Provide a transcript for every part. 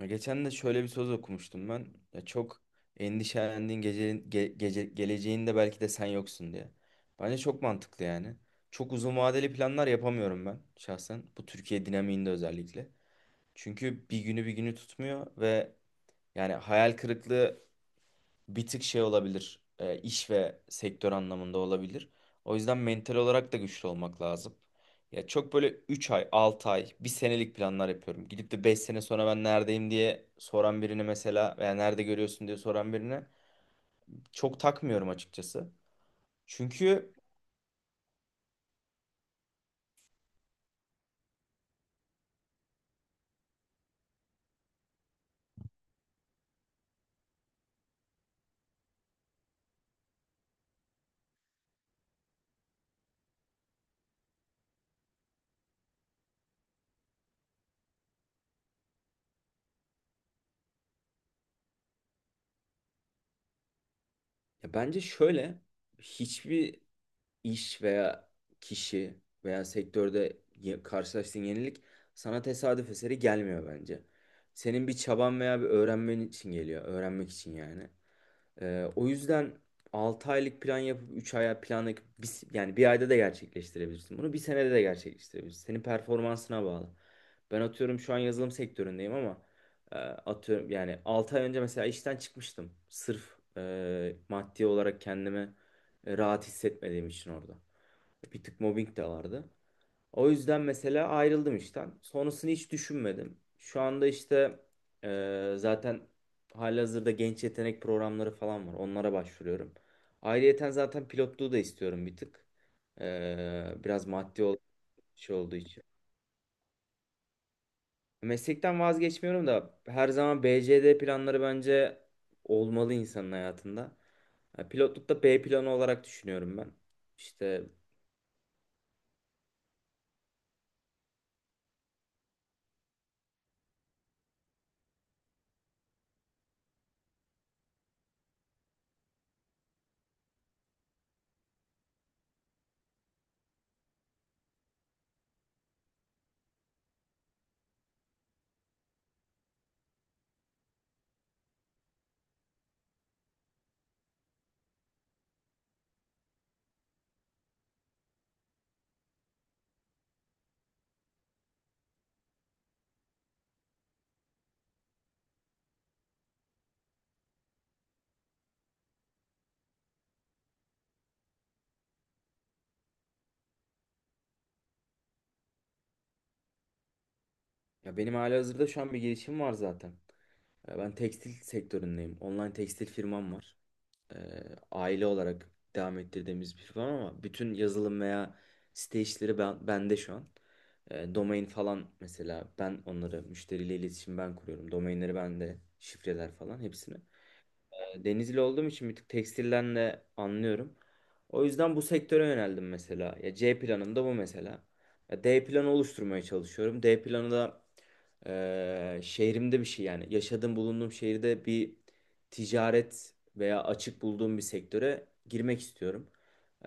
Ya geçen de şöyle bir söz okumuştum ben. Ya çok endişelendiğin gece, gece, geleceğinde belki de sen yoksun diye. Bence çok mantıklı yani. Çok uzun vadeli planlar yapamıyorum ben şahsen. Bu Türkiye dinamiğinde özellikle. Çünkü bir günü bir günü tutmuyor ve yani hayal kırıklığı bir tık şey olabilir. İş ve sektör anlamında olabilir. O yüzden mental olarak da güçlü olmak lazım. Ya çok böyle 3 ay, 6 ay, bir senelik planlar yapıyorum. Gidip de 5 sene sonra ben neredeyim diye soran birine mesela veya nerede görüyorsun diye soran birine çok takmıyorum açıkçası. Çünkü ya bence şöyle hiçbir iş veya kişi veya sektörde karşılaştığın yenilik sana tesadüf eseri gelmiyor bence. Senin bir çaban veya bir öğrenmen için geliyor. Öğrenmek için yani. O yüzden 6 aylık plan yapıp 3 aya plan yapıp yani bir ayda da gerçekleştirebilirsin. Bunu bir senede de gerçekleştirebilirsin. Senin performansına bağlı. Ben atıyorum şu an yazılım sektöründeyim ama atıyorum yani 6 ay önce mesela işten çıkmıştım. Sırf maddi olarak kendimi rahat hissetmediğim için orada. Bir tık mobbing de vardı. O yüzden mesela ayrıldım işten. Sonrasını hiç düşünmedim. Şu anda işte zaten halihazırda genç yetenek programları falan var. Onlara başvuruyorum. Ayrıyeten zaten pilotluğu da istiyorum bir tık. Biraz maddi şey olduğu için. Meslekten vazgeçmiyorum da her zaman BCD planları bence olmalı insanın hayatında. Ya pilotlukta B planı olarak düşünüyorum ben. İşte ya benim halihazırda şu an bir girişim var zaten. Ben tekstil sektöründeyim. Online tekstil firmam var. Ee, Aile olarak devam ettirdiğimiz bir firma ama bütün yazılım veya site işleri ben, bende şu an. Domain falan mesela ben onları müşteriyle iletişim ben kuruyorum. Domainleri bende, şifreler falan hepsini. Denizli olduğum için bir tık tekstilden de anlıyorum. O yüzden bu sektöre yöneldim mesela. Ya C planım da bu mesela. Ya D planı oluşturmaya çalışıyorum. D planı da şehrimde bir şey yani. Yaşadığım bulunduğum şehirde bir ticaret veya açık bulduğum bir sektöre girmek istiyorum.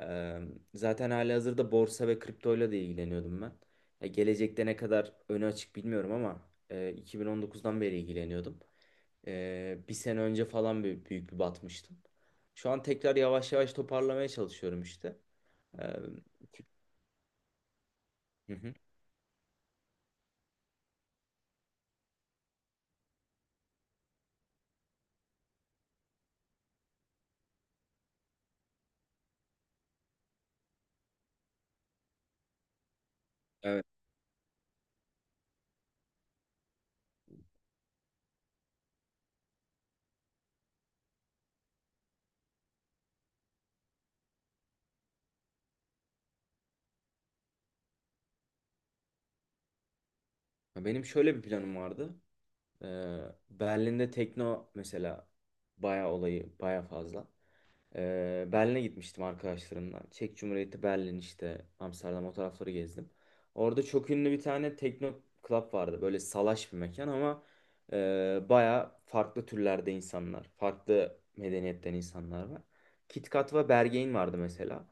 Eee, Zaten halihazırda borsa ve kriptoyla da ilgileniyordum ben. Ya gelecekte ne kadar önü açık bilmiyorum ama 2019'dan beri ilgileniyordum. Bir sene önce falan büyük bir batmıştım. Şu an tekrar yavaş yavaş toparlamaya çalışıyorum işte. Ee, hı hı. Evet. Ya benim şöyle bir planım vardı. Ee, Berlin'de tekno mesela bayağı olayı bayağı fazla. Berlin'e gitmiştim arkadaşlarımla. Çek Cumhuriyeti, Berlin, işte Amsterdam, o tarafları gezdim. Orada çok ünlü bir tane tekno club vardı. Böyle salaş bir mekan ama e, baya farklı türlerde insanlar, farklı medeniyetten insanlar var. KitKat ve Berghain vardı mesela.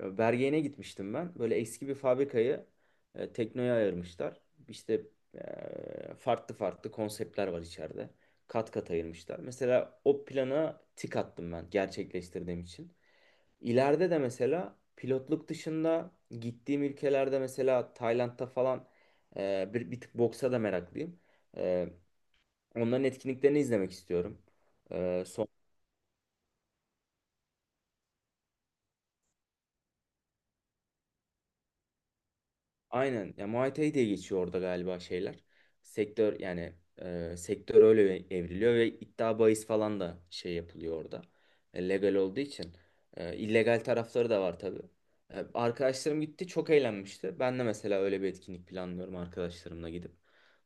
Ya Bergen'e gitmiştim ben. Böyle eski bir fabrikayı teknoya ayırmışlar. İşte farklı farklı konseptler var içeride. Kat kat ayırmışlar. Mesela o plana tik attım ben gerçekleştirdiğim için. İleride de mesela pilotluk dışında gittiğim ülkelerde mesela Tayland'da falan bir tık boksa da meraklıyım. E, Onların etkinliklerini izlemek istiyorum. E, Aynen. Ya Muay Thai diye geçiyor orada galiba şeyler. Sektör yani sektör öyle evriliyor ve iddia bahis falan da şey yapılıyor orada. Legal olduğu için. İllegal tarafları da var tabii. Arkadaşlarım gitti çok eğlenmişti. Ben de mesela öyle bir etkinlik planlıyorum arkadaşlarımla gidip.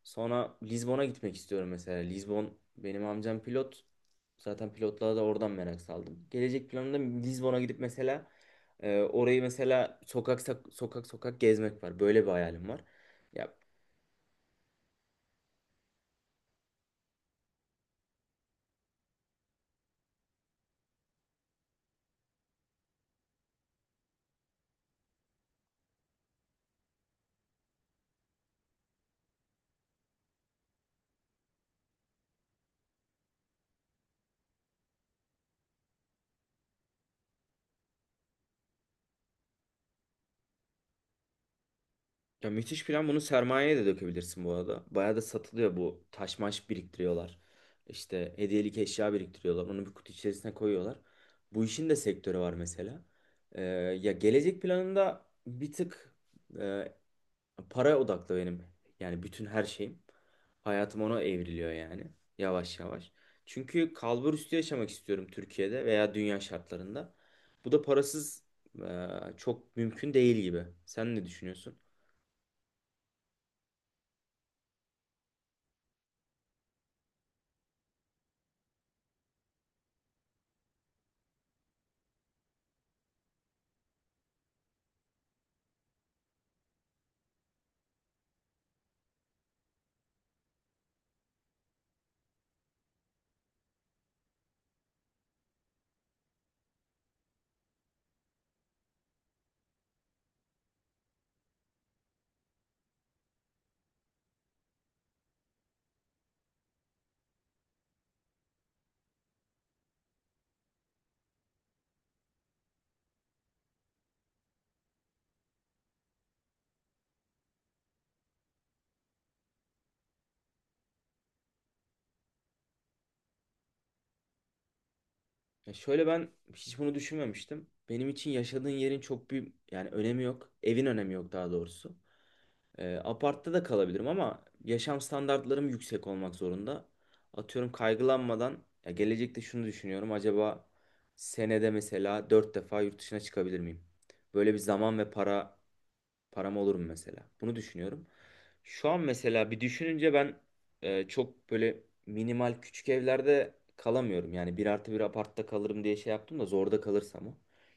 Sonra Lizbon'a gitmek istiyorum mesela. Lizbon, benim amcam pilot. Zaten pilotluğa da oradan merak saldım. Gelecek planımda Lizbon'a gidip mesela orayı mesela sokak sokak gezmek var. Böyle bir hayalim var. Ya, ya müthiş plan. Bunu sermayeye de dökebilirsin bu arada. Bayağı da satılıyor bu. Taş maş biriktiriyorlar. İşte hediyelik eşya biriktiriyorlar. Onu bir kutu içerisine koyuyorlar. Bu işin de sektörü var mesela. Ee, Ya gelecek planında bir tık para odaklı benim. Yani bütün her şeyim. Hayatım ona evriliyor yani. Yavaş yavaş. Çünkü kalbur üstü yaşamak istiyorum Türkiye'de veya dünya şartlarında. Bu da parasız e, çok mümkün değil gibi. Sen ne düşünüyorsun? Ya şöyle, ben hiç bunu düşünmemiştim. Benim için yaşadığın yerin çok bir yani önemi yok. Evin önemi yok daha doğrusu. Apartta da kalabilirim ama yaşam standartlarım yüksek olmak zorunda. Atıyorum kaygılanmadan, ya gelecekte şunu düşünüyorum. Acaba senede mesela 4 defa yurt dışına çıkabilir miyim? Böyle bir zaman ve para, param olur mu mesela? Bunu düşünüyorum. Şu an mesela bir düşününce ben çok böyle minimal küçük evlerde kalamıyorum. Yani 1+1 apartta kalırım diye şey yaptım da zorda kalırsam o.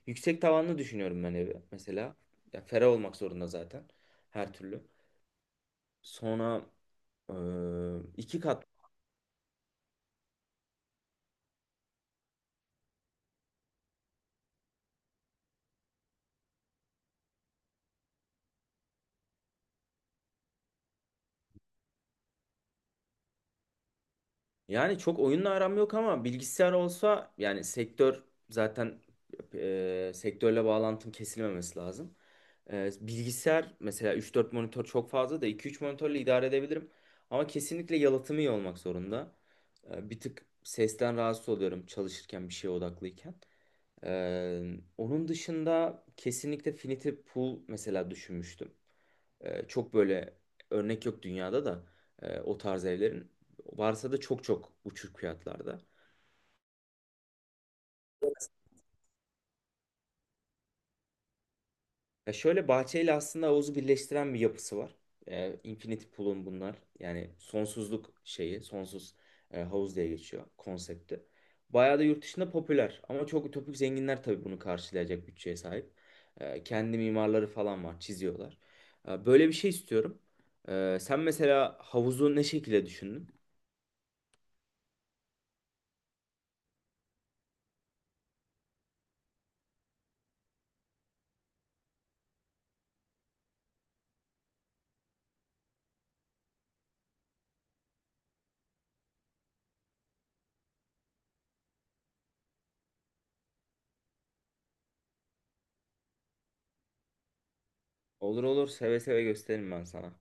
Yüksek tavanlı düşünüyorum ben evi mesela. Ya ferah olmak zorunda zaten her türlü. Sonra 2 kat. Yani çok oyunla aram yok ama bilgisayar olsa yani sektör zaten sektörle bağlantım kesilmemesi lazım. Bilgisayar mesela 3-4 monitör çok fazla da 2-3 monitörle idare edebilirim. Ama kesinlikle yalıtımı iyi olmak zorunda. Bir tık sesten rahatsız oluyorum çalışırken bir şeye odaklıyken. Onun dışında kesinlikle Finity Pool mesela düşünmüştüm. Çok böyle örnek yok dünyada da o tarz evlerin. Varsa da çok çok uçuk fiyatlarda. Ya şöyle, bahçeyle aslında havuzu birleştiren bir yapısı var. Infinity Pool'un bunlar. Yani sonsuzluk şeyi, sonsuz havuz diye geçiyor konsepti. Bayağı da yurt dışında popüler. Ama çok ütopik, zenginler tabii bunu karşılayacak bütçeye sahip. Kendi mimarları falan var, çiziyorlar. Böyle bir şey istiyorum. Sen mesela havuzu ne şekilde düşündün? Olur olur, seve seve gösteririm ben sana.